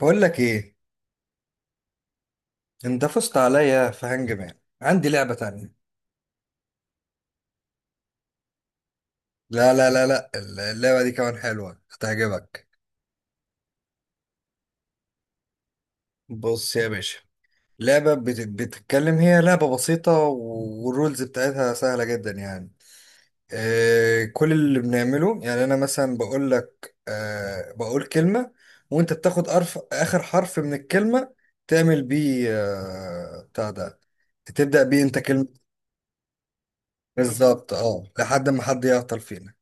بقول لك ايه. انت فزت عليا في هانج مان. عندي لعبة تانية. لا لا لا لا، اللعبة دي كمان حلوة هتعجبك. بص يا باشا، لعبة بتتكلم. هي لعبة بسيطة والرولز بتاعتها سهلة جدا يعني. كل اللي بنعمله يعني انا مثلا بقول لك، بقول كلمة، وانت بتاخد اخر حرف من الكلمة، تعمل بيه بتاع ده، تبدأ بيه انت كلمة. بالظبط اه، لحد ما حد يعطل فينا.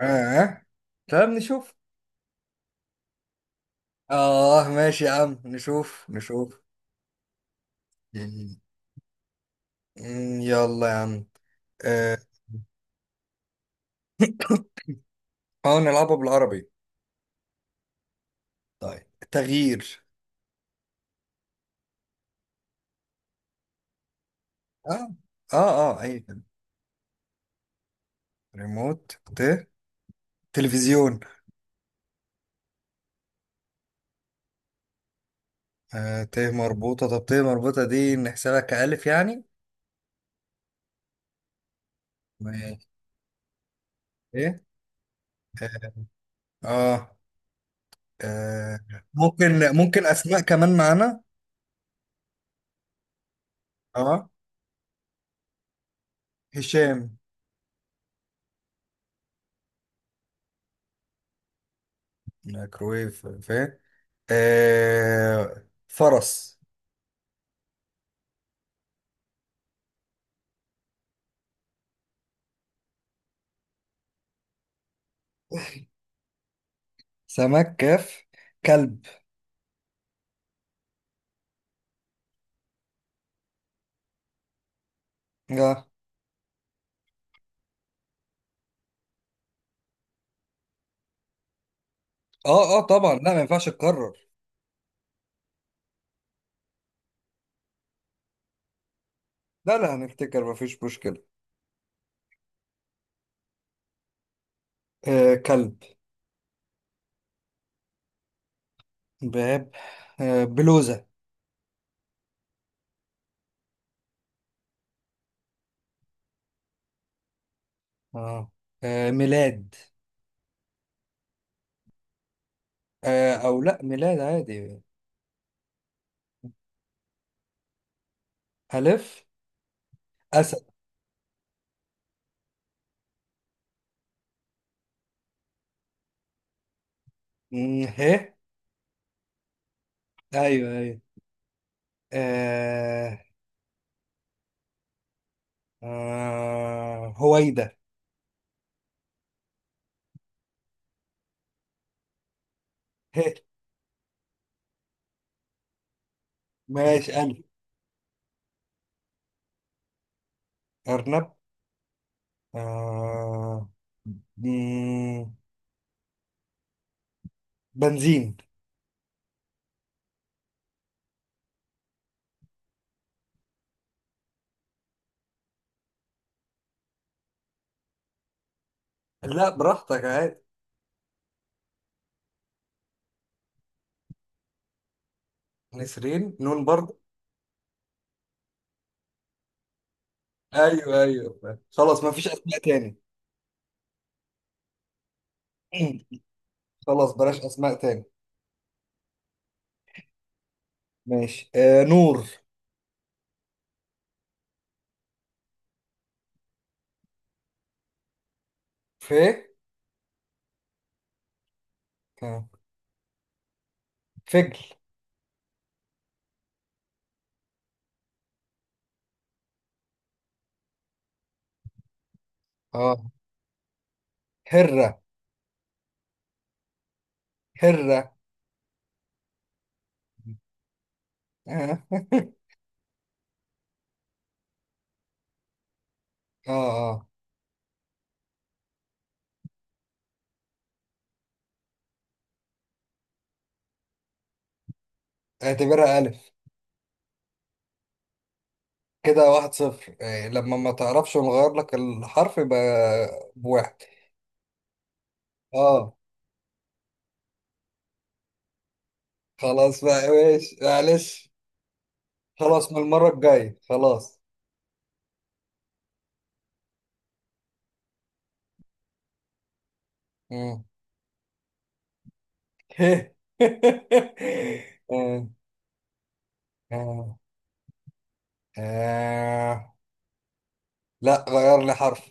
اه، طب نشوف. اه ماشي يا عم، نشوف نشوف. مم. يلا يا عم. اه، نلعبها بالعربي. طيب تغيير. اه اه اه، اي كده. ريموت، ت، تلفزيون. آه ت مربوطة، طب ت مربوطة دي نحسبها كألف يعني. ماشي. ايه؟ آه. اه، ممكن اسماء كمان معانا. اه، هشام. مايكرويف فين؟ آه. فرس. سمك. كاف. كلب. اه اه اه طبعا، لا ما ينفعش تكرر. لا لا، هنفتكر ما فيش مشكلة. آه، كلب. باب. آه بلوزة. اه، آه ميلاد. آه او لا، ميلاد عادي. ألف. أسد. مم، ه. ايوه ايوه. آه آه هويدا. ه. ماشي ألف. أرنب. آه. مم، بنزين. لا براحتك عادي. نسرين نون برضه. ايوه ايوه، خلاص ما فيش اسماء تاني. خلاص بلاش اسماء تاني. ماشي. آه نور. ف. آه. فجل. اه. هرة. هرة. اه. اه. آه. اعتبرها ألف. كده واحد صفر. آه لما ما تعرفش ونغير لك الحرف يبقى بواحد. اه. خلاص بقى ماشي معلش. خلاص من المرة الجاية، خلاص. مم. آه. آه. آه. لا غير لي حرف.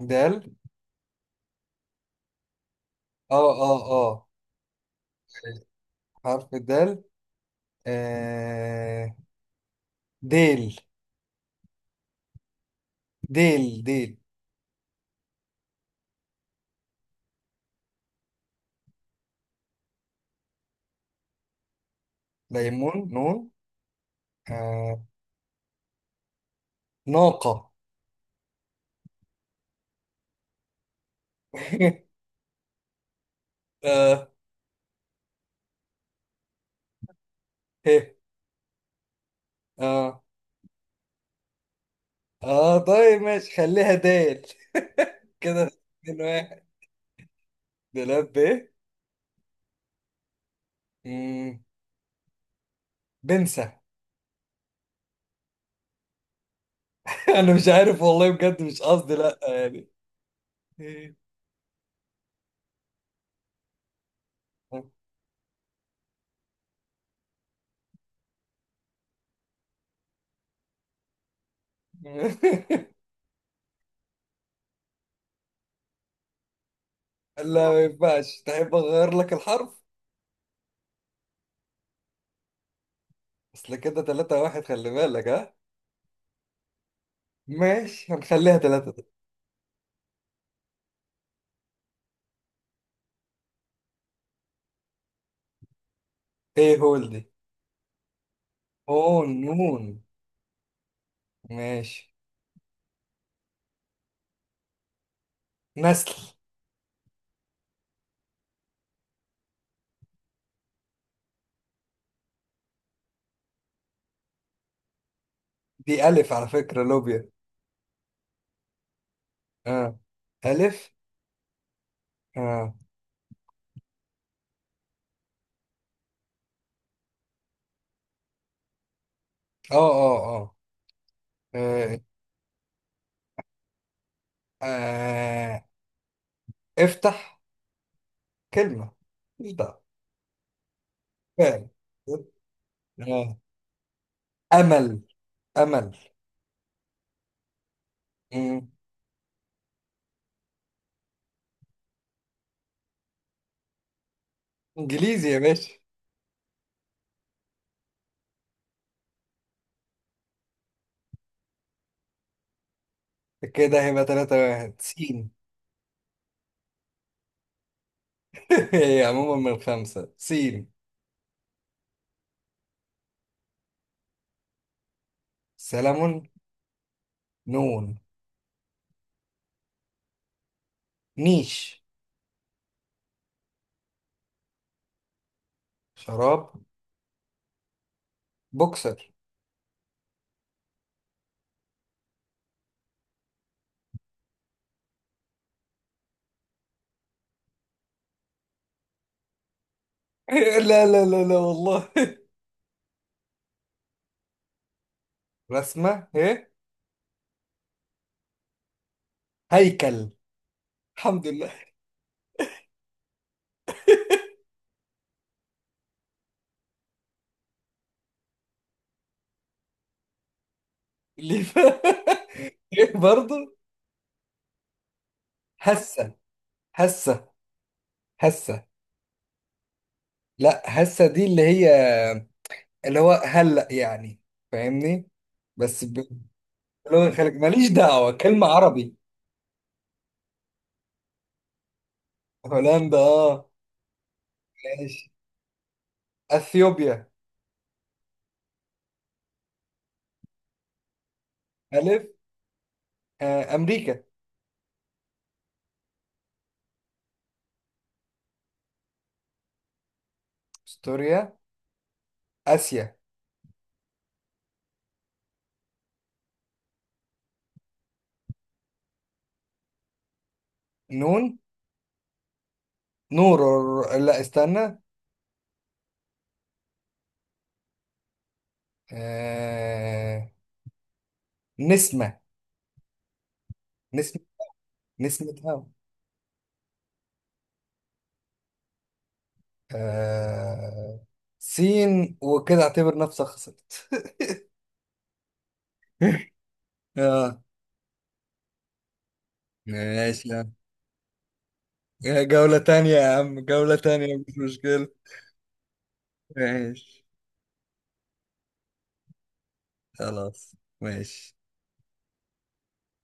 دال. اه اه اه. حرف الدال. آه ديل ديل ديل. ليمون نون. آه ناقة. آه ه. آه. آه طيب ماشي، خليها ديل. كده اتنين واحد. دولاب. ب. مم، بنسى. أنا مش عارف والله، بجد مش قصدي، لأ يعني. لا ما ينفعش. تحب أغير لك الحرف؟ أصل كده تلاتة واحد، خلي بالك ها. ماشي، هنخليها ثلاثة دي. ايه هول دي؟ اون نون. ماشي. نسل. دي ألف على فكرة لوبيا. اه ألف. اه. اه اه. اه. آه، آه، افتح كلمة. مش ده. فعلا. آه. أمل. أمل. مم. إنجليزي يا باشا. كده هيبقى ثلاثة واحد. سين. هي عموما من خمسة. سين. سلمون. نون. نيش. شراب. بوكسر. لا لا لا لا والله. رسمة ايه؟ هيكل. الحمد لله. اللي ف... ايه برضه. هسة. هسة. هسة. لا، هسة دي اللي هي، اللي هو هلأ يعني، فاهمني؟ بس بلغة الخليج، ماليش دعوة، كلمة عربي. هولندا اه. ماشي. اثيوبيا. الف. آه. امريكا. استوريا. اسيا. نون. نور. لا استنى. آه. نسمة. نسمة. نسمتها. آه... سين. وكده اعتبر نفسك خسرت. اه ماشي يا عم. آه، جولة تانية يا عم، جولة تانية مش مشكلة. ماشي. خلاص. ماشي.